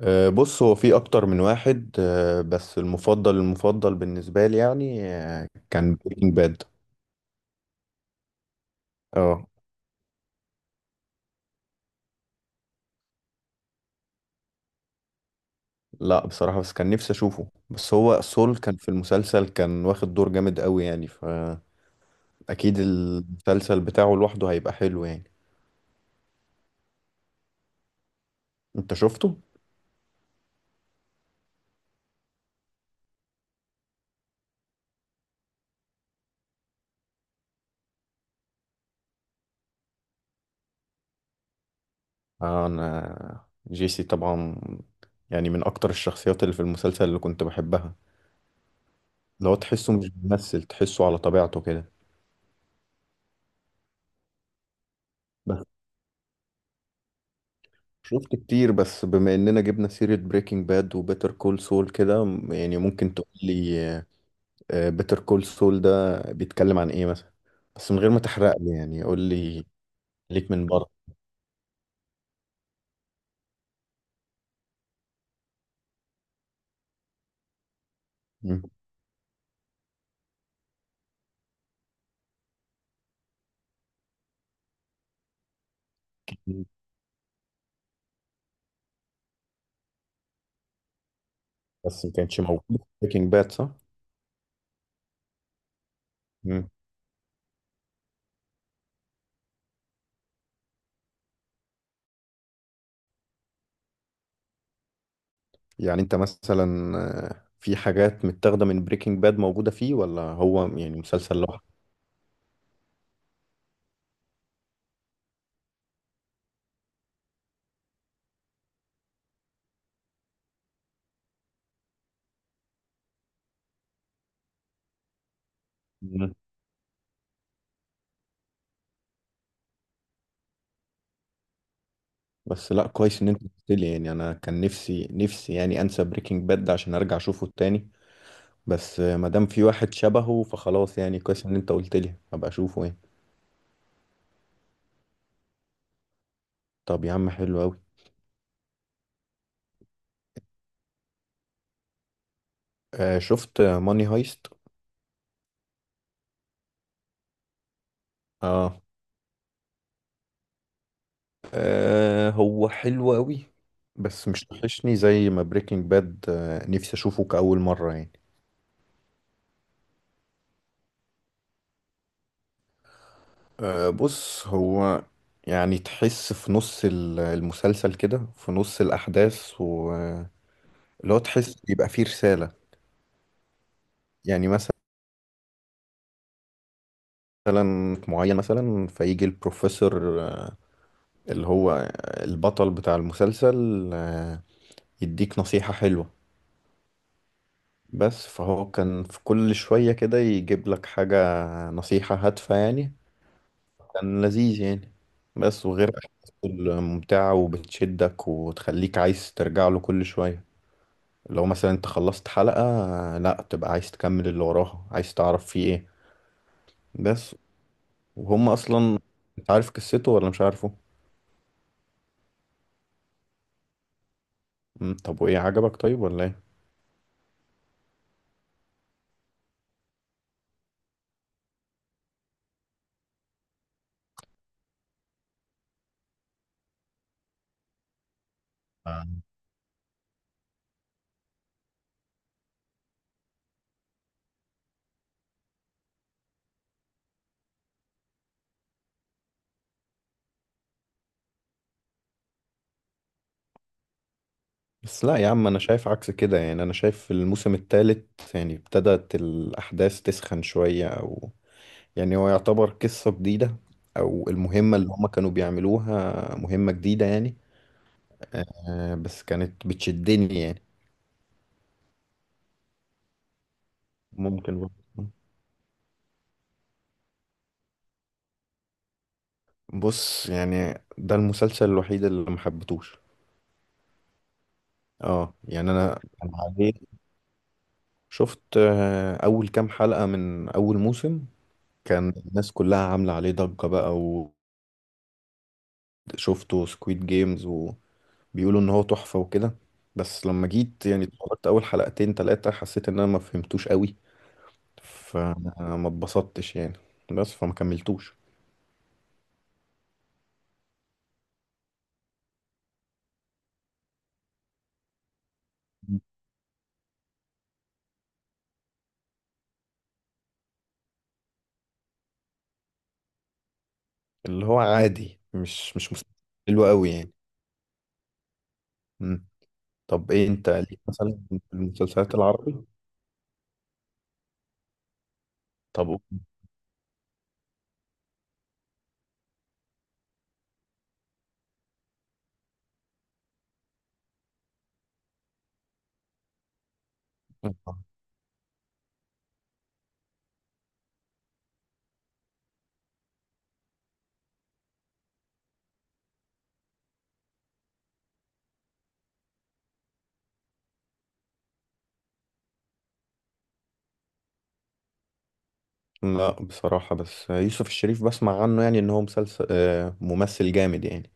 بص، هو في اكتر من واحد، بس المفضل المفضل بالنسبه لي يعني، كان بريكنج باد. اه. لا بصراحه، بس كان نفسي اشوفه، بس هو سول كان في المسلسل، كان واخد دور جامد قوي يعني فاكيد المسلسل بتاعه لوحده هيبقى حلو يعني. انت شفته؟ آه، انا جيسي طبعا، يعني من اكتر الشخصيات اللي في المسلسل اللي كنت بحبها. لو تحسه مش بيمثل، تحسه على طبيعته كده. بس شفت كتير، بس بما اننا جبنا سيرة بريكنج باد وبيتر كول سول كده يعني ممكن تقول لي بيتر كول سول ده بيتكلم عن ايه مثلا، بس من غير ما تحرق لي، يعني قول لي ليك من بره. مم. بس ما كانتش موجودة في بريكنج باد صح؟ مم. يعني انت مثلا، آه، في حاجات متاخدة من بريكنج باد موجودة فيه، ولا هو يعني مسلسل لوحده؟ مم. بس لا، كويس ان انت قلت لي، يعني انا كان نفسي نفسي يعني انسى بريكنج باد ده عشان ارجع اشوفه تاني. بس ما دام في واحد شبهه فخلاص، يعني كويس ان انت قلت لي، ابقى اشوفه يعني. طب يا عم حلو قوي. آه، شفت ماني هايست. اه، آه، هو حلو قوي، بس مش وحشني زي ما بريكنج باد، نفسي اشوفه كأول مرة يعني. آه، بص هو، يعني تحس في نص المسلسل كده، في نص الأحداث ولو تحس يبقى فيه رسالة. يعني مثلا معين، مثلا فيجي البروفيسور اللي هو البطل بتاع المسلسل، يديك نصيحة حلوة. بس فهو كان في كل شوية كده يجيب لك حاجة، نصيحة هادفة يعني. كان لذيذ يعني. بس وغير أحداثه ممتعة، وبتشدك وتخليك عايز ترجع له كل شوية. لو مثلا انت خلصت حلقة، لا تبقى عايز تكمل اللي وراها، عايز تعرف فيه ايه. بس وهم اصلا، انت عارف قصته ولا مش عارفه؟ طب وايه عجبك طيب، ولا ايه؟ بس لا يا عم، انا شايف عكس كده، يعني انا شايف في الموسم الثالث يعني ابتدت الاحداث تسخن شوية، او يعني هو يعتبر قصة جديدة، او المهمة اللي هما كانوا بيعملوها مهمة جديدة يعني. آه، بس كانت بتشدني يعني. ممكن برضه. بص، يعني ده المسلسل الوحيد اللي محبتوش. اه يعني، انا كان عليه، شفت، اول كام حلقة من اول موسم، كان الناس كلها عاملة عليه ضجة بقى، وشفته سكويد جيمز بيقولوا ان هو تحفة وكده. بس لما جيت يعني اتفرجت اول حلقتين تلاتة، حسيت ان انا ما فهمتوش قوي، فما اتبسطتش يعني، بس فما كملتوش. مم. اللي هو عادي، مش مسلسل حلو قوي يعني. مم. طب ايه انت، ليك مثلا في المسلسلات العربي؟ طب قول. لا بصراحة، بس يوسف الشريف بسمع عنه، يعني ان هو مسلسل، ممثل جامد يعني.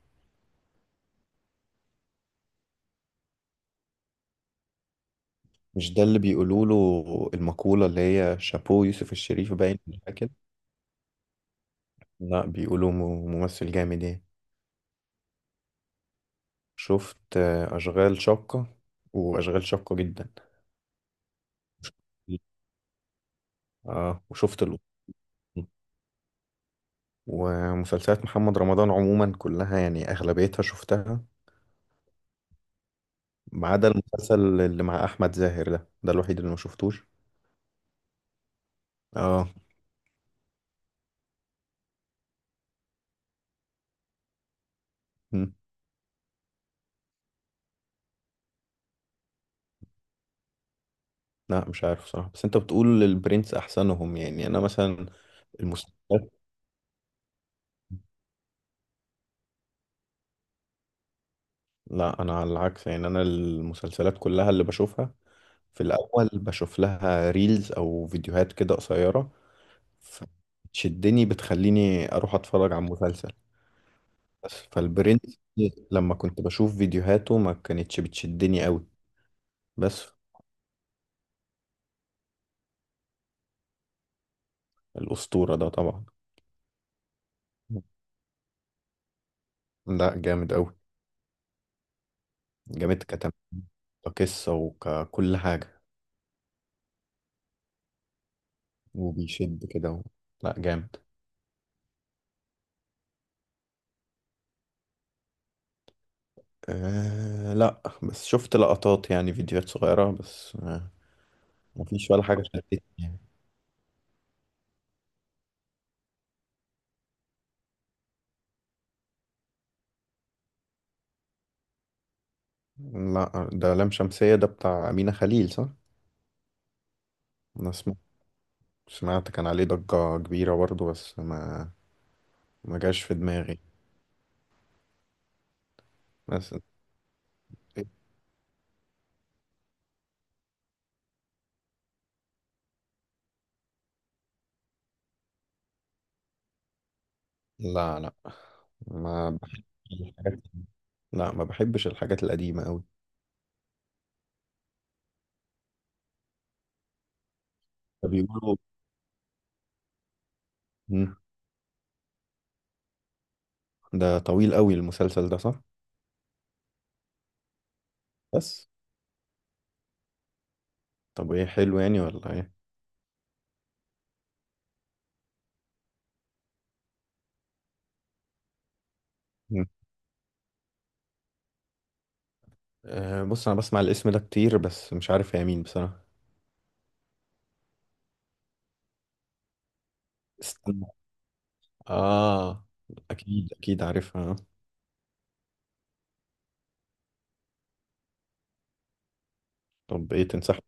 مش ده اللي بيقولوا له المقولة اللي هي شابو يوسف الشريف باين ولا كده؟ لا، بيقولوا ممثل جامد يعني. شفت، أشغال شاقة، وأشغال شاقة جدا. اه، وشفت الأسطول، ومسلسلات محمد رمضان عموما كلها، يعني أغلبيتها شفتها، ما عدا المسلسل اللي مع أحمد زاهر، ده الوحيد اللي ما شفتوش. اه. مم. لا مش عارف صراحة، بس انت بتقول البرنس احسنهم، يعني انا مثلا المسلسلات، لا انا على العكس، يعني انا المسلسلات كلها اللي بشوفها في الاول بشوف لها ريلز او فيديوهات كده قصيرة، فتشدني بتخليني اروح اتفرج على مسلسل. بس فالبرنس لما كنت بشوف فيديوهاته ما كانتش بتشدني قوي. بس الاسطورة ده طبعا، لا جامد قوي، جامد كتم، كقصة وككل حاجة، وبيشد كده لا جامد. أه، لا بس شفت لقطات، يعني فيديوهات صغيرة بس، أه مفيش ولا حاجة شدتني يعني. لا، ده لام شمسية، ده بتاع أمينة خليل صح؟ أنا سمعت كان عليه ضجة كبيرة برضه، بس ما جاش في دماغي. بس. لا لا، ما بحبش الحاجات، لا ما بحبش الحاجات القديمة قوي. بيقولوا. مم، ده طويل قوي المسلسل ده صح؟ بس، طب ايه، حلو يعني ولا ايه؟ مم. أه، بص انا بسمع الاسم ده كتير، بس مش عارف هي مين بصراحة. استنى. اه، اكيد اكيد عارفها، آه. طب ايه تنصحني؟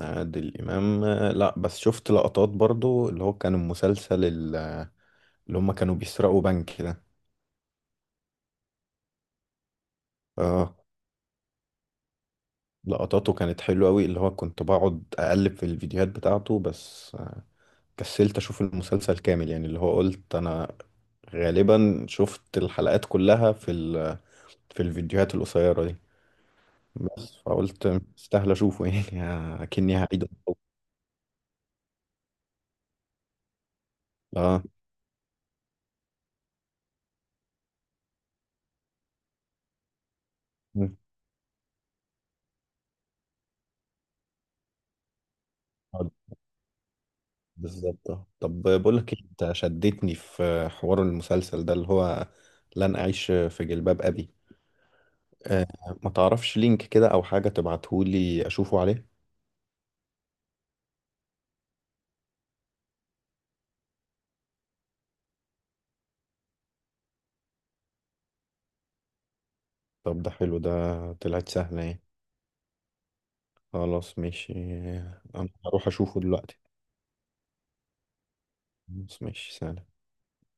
عادل امام، لا بس شفت لقطات برضو، اللي هو كان المسلسل اللي هم كانوا بيسرقوا بنك كده. اه، لقطاته كانت حلوة قوي، اللي هو كنت بقعد اقلب في الفيديوهات بتاعته، بس، كسلت اشوف المسلسل كامل يعني، اللي هو قلت انا غالبا شفت الحلقات كلها في الفيديوهات القصيرة دي. بس فقلت استاهل اشوفه يعني، اكني هعيد. اه. مم. آه، بالظبط، آه. طب بقول لك إيه، انت شدتني في حوار المسلسل ده اللي هو لن اعيش في جلباب ابي. آه، ما تعرفش لينك كده او حاجة تبعتهولي اشوفه عليه؟ طب ده حلو ده، طلعت سهلة. ايه، خلاص ماشي. انا هروح اشوفه دلوقتي. خلاص، ماشي، سلام.